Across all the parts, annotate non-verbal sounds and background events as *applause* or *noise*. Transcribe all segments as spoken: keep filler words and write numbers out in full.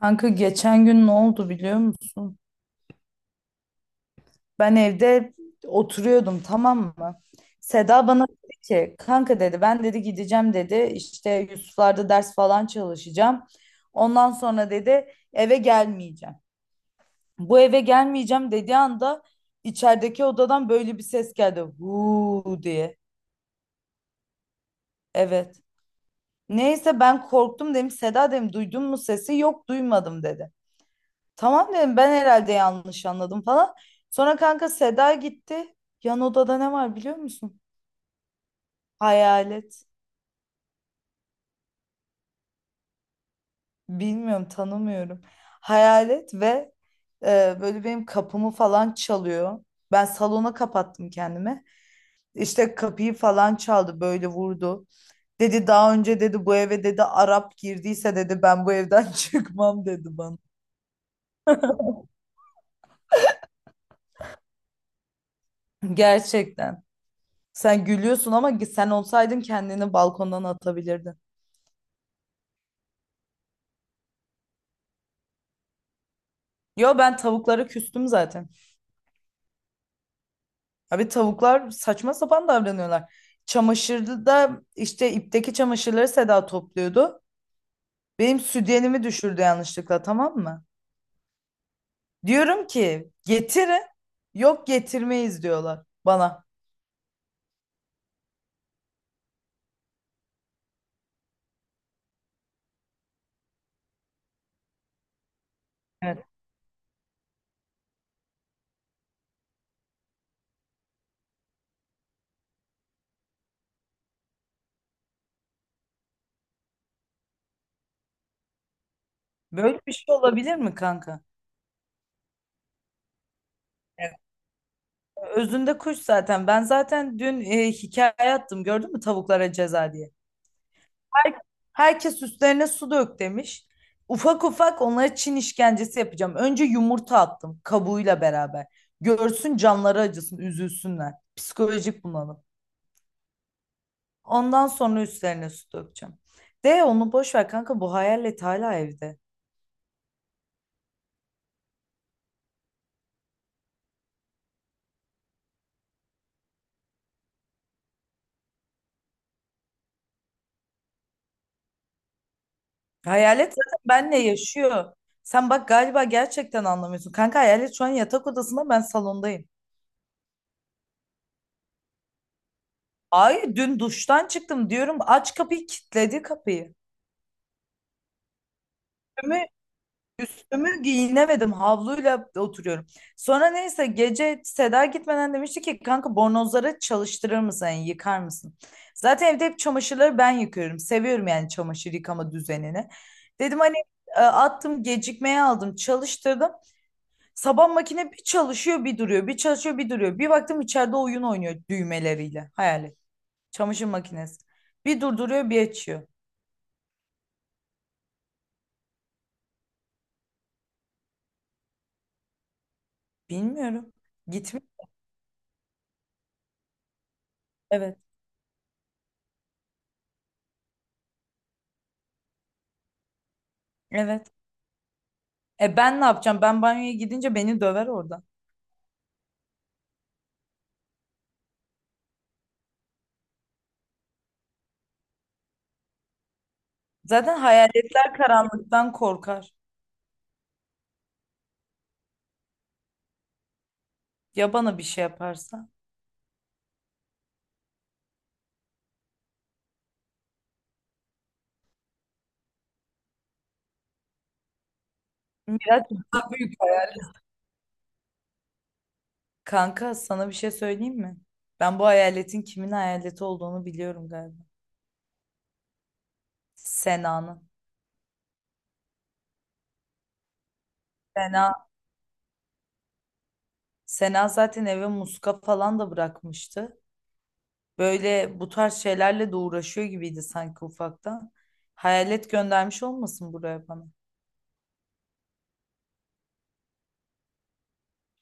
Kanka geçen gün ne oldu biliyor musun? Ben evde oturuyordum, tamam mı? Seda bana dedi ki kanka dedi ben dedi gideceğim dedi işte Yusuflar'da ders falan çalışacağım. Ondan sonra dedi eve gelmeyeceğim. Bu eve gelmeyeceğim dediği anda içerideki odadan böyle bir ses geldi. Huu diye. Evet. Neyse ben korktum, dedim. Seda, dedim, duydun mu sesi? Yok duymadım dedi. Tamam dedim, ben herhalde yanlış anladım falan. Sonra kanka Seda gitti. Yan odada ne var biliyor musun? Hayalet. Bilmiyorum, tanımıyorum. Hayalet ve e, böyle benim kapımı falan çalıyor. Ben salona kapattım kendimi. İşte kapıyı falan çaldı, böyle vurdu. Dedi daha önce dedi bu eve dedi Arap girdiyse dedi ben bu evden *laughs* çıkmam dedi bana. Gerçekten. Sen gülüyorsun ama sen olsaydın kendini balkondan atabilirdin. Yo, ben tavuklara küstüm zaten. Abi tavuklar saçma sapan davranıyorlar. Çamaşırda işte ipteki çamaşırları Seda topluyordu. Benim sütyenimi düşürdü yanlışlıkla, tamam mı? Diyorum ki getirin. Yok, getirmeyiz diyorlar bana. Evet. Böyle bir şey olabilir mi kanka? Evet. Özünde kuş zaten. Ben zaten dün e, hikaye attım, gördün mü, tavuklara ceza diye. Her- Herkes üstlerine su dök demiş. Ufak ufak onlara Çin işkencesi yapacağım. Önce yumurta attım kabuğuyla beraber. Görsün, canları acısın, üzülsünler. Psikolojik bunalım. Ondan sonra üstlerine su dökeceğim. De onu boş ver kanka, bu hayalet hala evde. Hayalet zaten benle yaşıyor. Sen bak, galiba gerçekten anlamıyorsun. Kanka hayalet şu an yatak odasında, ben salondayım. Ay dün duştan çıktım diyorum, aç kapıyı, kilitledi kapıyı. Üstümü giyinemedim. Havluyla oturuyorum. Sonra neyse gece Seda gitmeden demişti ki kanka bornozları çalıştırır mısın? Yani yıkar mısın? Zaten evde hep çamaşırları ben yıkıyorum. Seviyorum yani çamaşır yıkama düzenini. Dedim hani e, attım gecikmeye, aldım çalıştırdım. Sabah makine bir çalışıyor bir duruyor. Bir çalışıyor bir duruyor. Bir baktım içeride oyun oynuyor düğmeleriyle. Hayal et. Çamaşır makinesi. Bir durduruyor bir açıyor. Bilmiyorum. Gitmiyor. Evet. Evet. E ben ne yapacağım? Ben banyoya gidince beni döver orada. Zaten hayaletler karanlıktan korkar. Ya bana bir şey yaparsa? Miraç daha büyük hayal. Kanka sana bir şey söyleyeyim mi? Ben bu hayaletin kimin hayaleti olduğunu biliyorum galiba. Sena'nın. Sena, Sena zaten eve muska falan da bırakmıştı. Böyle bu tarz şeylerle de uğraşıyor gibiydi sanki ufaktan. Hayalet göndermiş olmasın buraya bana.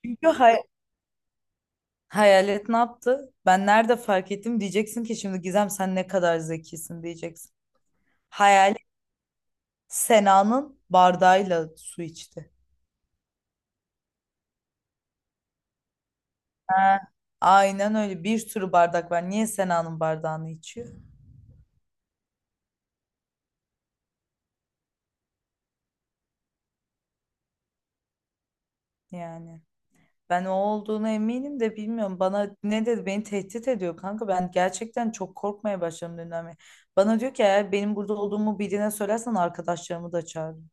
Çünkü hayalet ne yaptı? Ben nerede fark ettim diyeceksin ki, şimdi Gizem sen ne kadar zekisin diyeceksin. Hayalet Sena'nın bardağıyla su içti. Ha, aynen öyle, bir sürü bardak var. Niye Sena'nın bardağını içiyor? Yani ben o olduğunu eminim de bilmiyorum. Bana ne dedi? Beni tehdit ediyor kanka. Ben gerçekten çok korkmaya başladım dünden beri. Bana diyor ki eğer benim burada olduğumu birine söylersen arkadaşlarımı da çağırırım.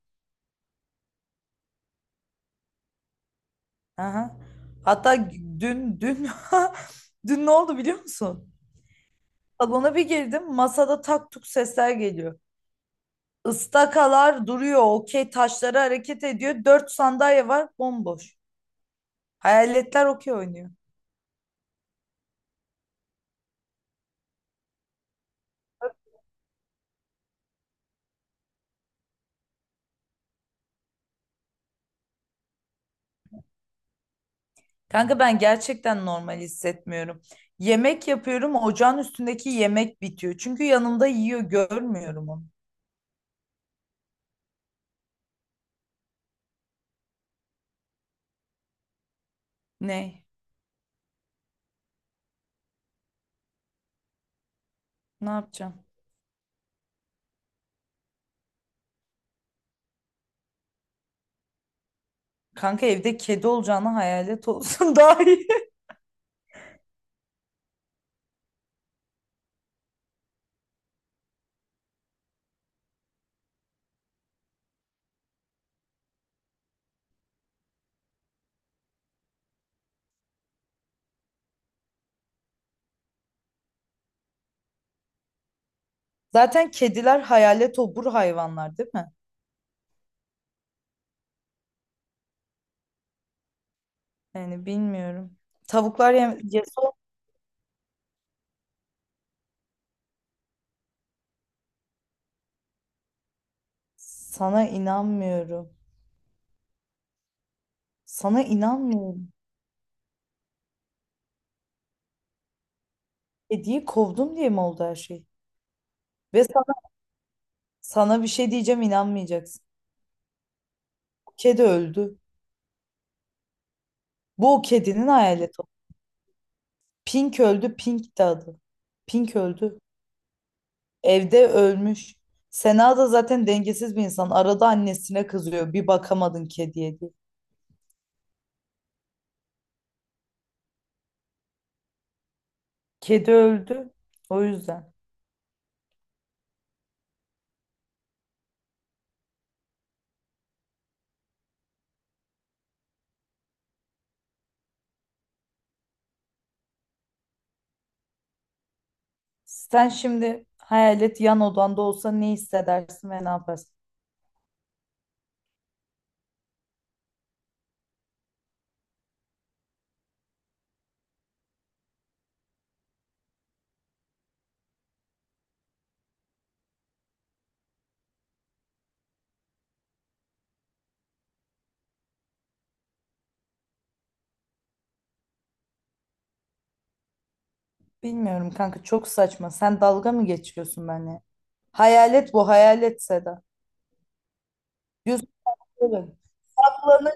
Aha. Hatta dün dün *laughs* dün ne oldu biliyor musun? Salona bir girdim. Masada tak tuk sesler geliyor. Istakalar duruyor. Okey taşları hareket ediyor. Dört sandalye var bomboş. Hayaletler okey oynuyor. Kanka ben gerçekten normal hissetmiyorum. Yemek yapıyorum. Ocağın üstündeki yemek bitiyor. Çünkü yanımda yiyor. Görmüyorum onu. Ne? Ne yapacağım? Kanka evde kedi olacağına hayalet olsun *laughs* daha iyi. Zaten kediler hayalet obur hayvanlar değil mi? Yani bilmiyorum. Tavuklar yem yese sana inanmıyorum. Sana inanmıyorum. Kediyi kovdum diye mi oldu her şey? Ve sana, sana bir şey diyeceğim, inanmayacaksın. Bu kedi öldü. Bu o kedinin hayaleti. Pink öldü. Pink de adı. Pink öldü. Evde ölmüş. Sena da zaten dengesiz bir insan. Arada annesine kızıyor, bir bakamadın kediye diye. Kedi öldü. O yüzden. Sen şimdi hayalet yan odanda olsa ne hissedersin ve ne yaparsın? Bilmiyorum kanka, çok saçma. Sen dalga mı geçiyorsun benimle? Hayalet bu, hayalet Seda. Gözüm böyle. Saklanı-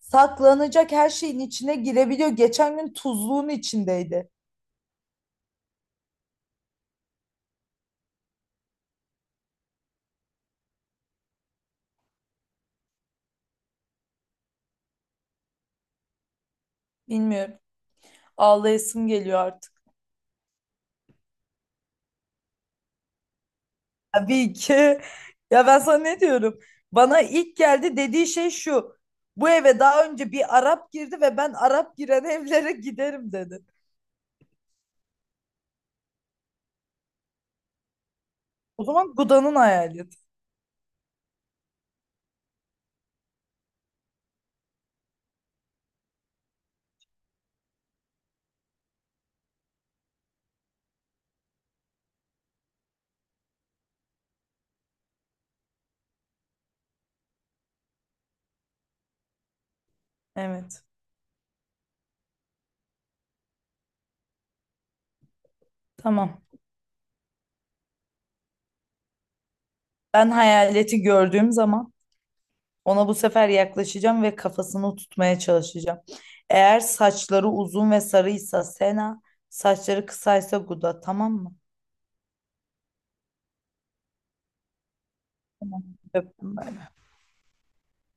Saklanacak her şeyin içine girebiliyor. Geçen gün tuzluğun içindeydi. Bilmiyorum. Ağlayasım geliyor artık. Tabii ki. Ya ben sana ne diyorum? Bana ilk geldi dediği şey şu. Bu eve daha önce bir Arap girdi ve ben Arap giren evlere giderim dedi. O zaman Guda'nın hayaleti. Evet. Tamam. Ben hayaleti gördüğüm zaman ona bu sefer yaklaşacağım ve kafasını tutmaya çalışacağım. Eğer saçları uzun ve sarıysa Sena, saçları kısaysa Guda, tamam mı? Öptüm.